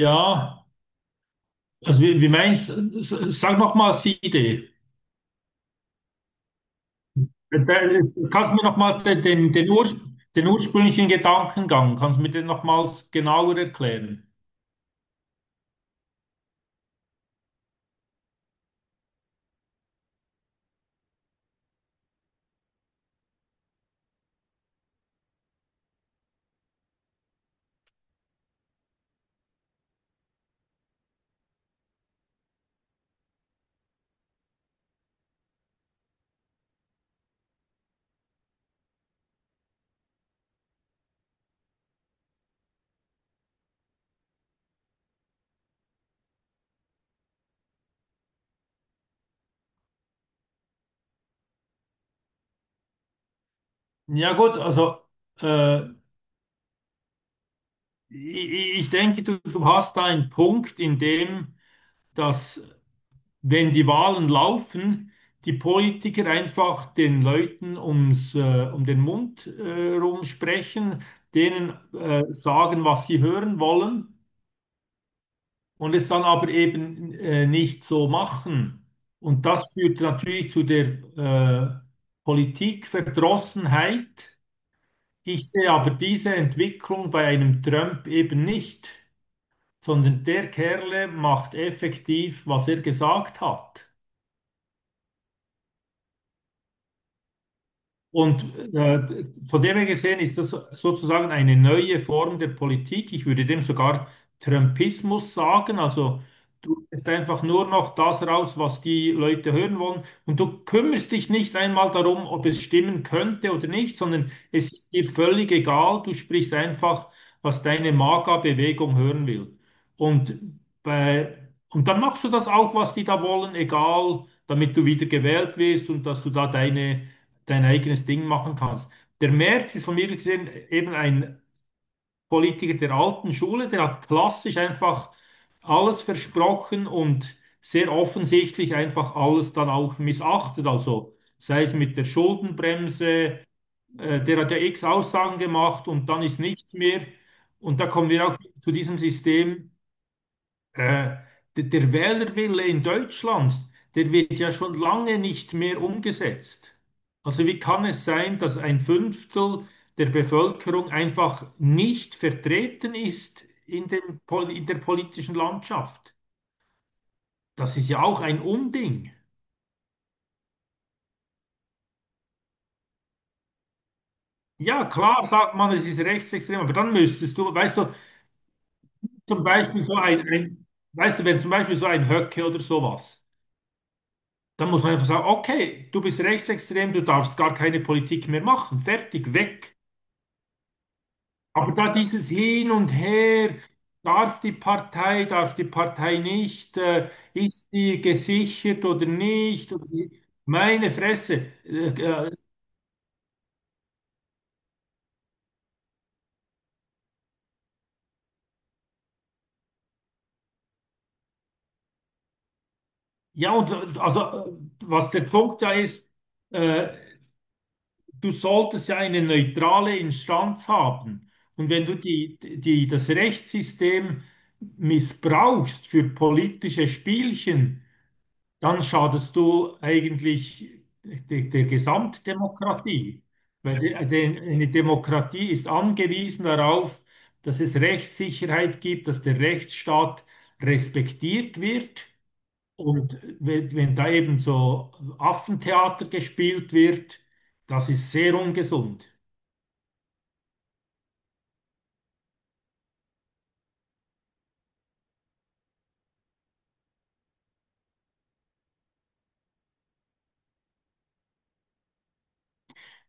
Ja, also wie meinst du, sag noch mal die Idee. Kannst du mir noch mal Urs, den ursprünglichen Gedankengang, kannst du mir den nochmals genauer erklären? Ja gut, also äh, ich denke, du hast da einen Punkt, in dem, dass wenn die Wahlen laufen, die Politiker einfach den Leuten um den Mund rum sprechen, denen sagen, was sie hören wollen. Und es dann aber eben nicht so machen. Und das führt natürlich zu der äh, Politikverdrossenheit. Ich sehe aber diese Entwicklung bei einem Trump eben nicht, sondern der Kerle macht effektiv, was er gesagt hat. Und von dem her gesehen ist das sozusagen eine neue Form der Politik. Ich würde dem sogar Trumpismus sagen. Also du lässt einfach nur noch das raus, was die Leute hören wollen. Und du kümmerst dich nicht einmal darum, ob es stimmen könnte oder nicht, sondern es ist dir völlig egal. Du sprichst einfach, was deine Magerbewegung hören will. Und, bei, und dann machst du das auch, was die da wollen, egal, damit du wieder gewählt wirst und dass du da dein eigenes Ding machen kannst. Der Merz ist von mir gesehen eben ein Politiker der alten Schule, der hat klassisch einfach alles versprochen und sehr offensichtlich einfach alles dann auch missachtet. Also sei es mit der Schuldenbremse, der hat ja x Aussagen gemacht und dann ist nichts mehr. Und da kommen wir auch zu diesem System. Äh, Der Wählerwille in Deutschland, der wird ja schon lange nicht mehr umgesetzt. Also wie kann es sein, dass ein Fünftel der Bevölkerung einfach nicht vertreten ist in in der politischen Landschaft? Das ist ja auch ein Unding. Ja, klar sagt man, es ist rechtsextrem, aber dann müsstest du, weißt du, zum Beispiel wenn zum Beispiel so ein Höcke oder sowas. Dann muss man einfach sagen, okay, du bist rechtsextrem, du darfst gar keine Politik mehr machen. Fertig, weg. Aber da dieses Hin und Her, darf die Partei nicht, ist die gesichert oder nicht? Meine Fresse. Ja, und also, was der Punkt da ist, äh, du solltest ja eine neutrale Instanz haben. Und wenn du das Rechtssystem missbrauchst für politische Spielchen, dann schadest du eigentlich der Gesamtdemokratie. Weil eine Demokratie ist angewiesen darauf, dass es Rechtssicherheit gibt, dass der Rechtsstaat respektiert wird. Und wenn da eben so Affentheater gespielt wird, das ist sehr ungesund.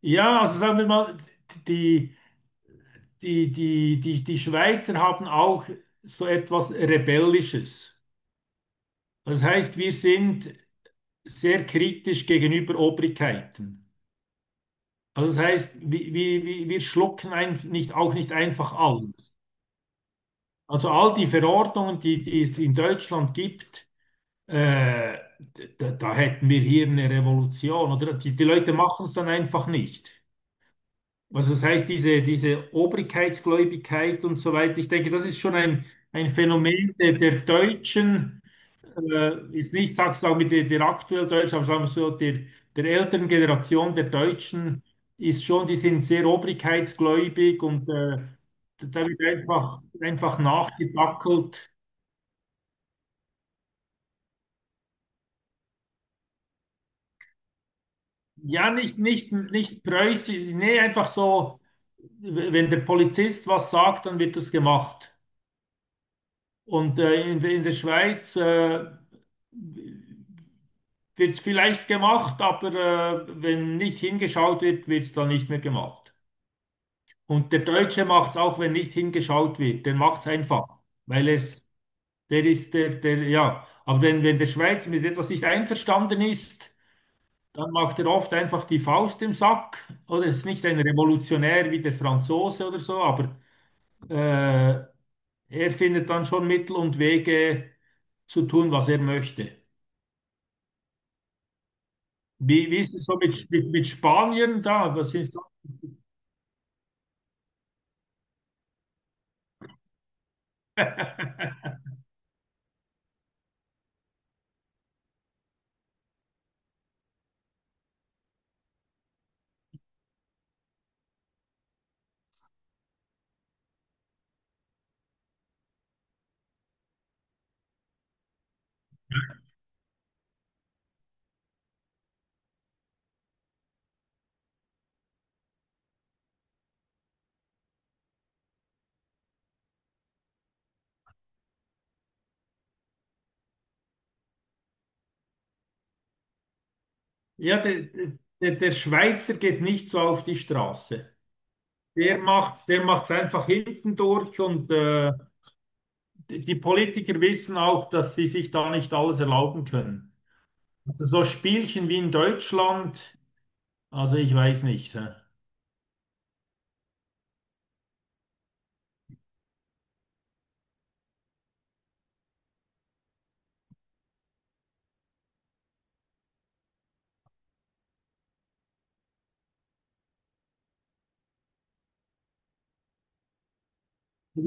Ja, also sagen wir mal, die, die Schweizer haben auch so etwas Rebellisches. Das heißt, wir sind sehr kritisch gegenüber Obrigkeiten. Also das heißt, wir schlucken ein, nicht, auch nicht einfach alles. Also all die Verordnungen, die es in Deutschland gibt, Äh, da hätten wir hier eine Revolution, oder? Die, die Leute machen es dann einfach nicht. Also das heißt, diese Obrigkeitsgläubigkeit und so weiter, ich denke, das ist schon ein Phänomen der Deutschen, jetzt nicht, sagen wir, der aktuell Deutschen, aber sagen wir so, der, der älteren Generation der Deutschen ist schon, die sind sehr obrigkeitsgläubig und da wird einfach nachgedackelt. Ja, nicht preußisch, nee, einfach so, wenn der Polizist was sagt, dann wird das gemacht. Und in der Schweiz wird es vielleicht gemacht, aber wenn nicht hingeschaut wird, wird es dann nicht mehr gemacht. Und der Deutsche macht es auch, wenn nicht hingeschaut wird. Der macht es einfach, weil es, der ist ja. Aber wenn der Schweizer mit etwas nicht einverstanden ist, dann macht er oft einfach die Faust im Sack. Oder ist nicht ein Revolutionär wie der Franzose oder so, aber äh, er findet dann schon Mittel und Wege zu tun, was er möchte. Wie, wie ist es so mit Spaniern da? Was ist da? Ja, der Schweizer geht nicht so auf die Straße. Der macht's einfach hinten durch und die die Politiker wissen auch, dass sie sich da nicht alles erlauben können. Also so Spielchen wie in Deutschland. Also ich weiß nicht. Hä.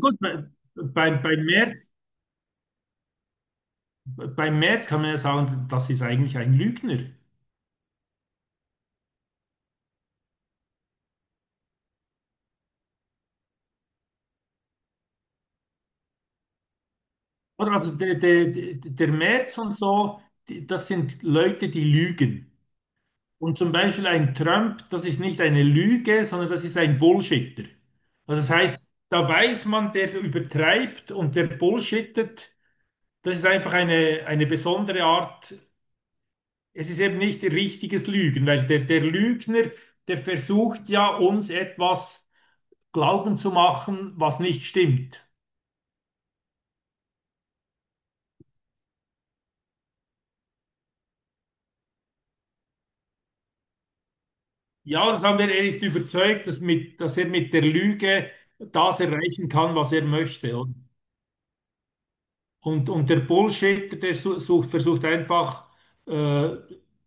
Gut, bei, bei Merz, bei Merz kann man ja sagen, das ist eigentlich ein Lügner. Oder also der Merz und so, die, das sind Leute, die lügen. Und zum Beispiel ein Trump, das ist nicht eine Lüge, sondern das ist ein Bullshitter. Also das heißt, da weiß man, der übertreibt und der bullshittet. Das ist einfach eine besondere Art, es ist eben nicht richtiges Lügen, weil der Lügner, der versucht ja uns etwas glauben zu machen, was nicht stimmt. Ja, das haben wir, er ist überzeugt, dass er mit der Lüge das erreichen kann, was er möchte. Und der Bullshitter, sucht, versucht einfach äh,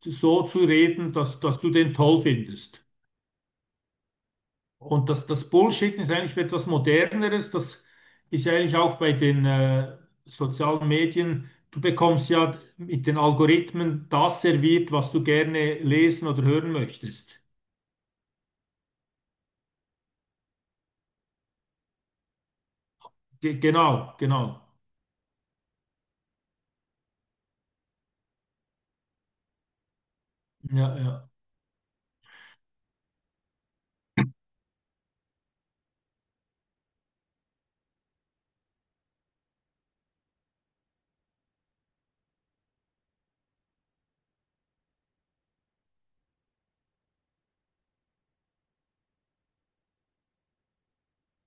so zu reden, dass du den toll findest. Und das, das Bullshitten ist eigentlich etwas Moderneres. Das ist ja eigentlich auch bei den sozialen Medien. Du bekommst ja mit den Algorithmen das serviert, was du gerne lesen oder hören möchtest. Ge Genau, genau. Ja, ja.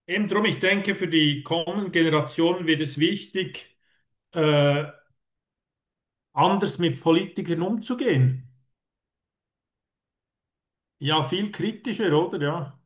Eben drum, ich denke, für die kommenden Generationen wird es wichtig, äh, anders mit Politikern umzugehen. Ja, viel kritischer, oder? Ja.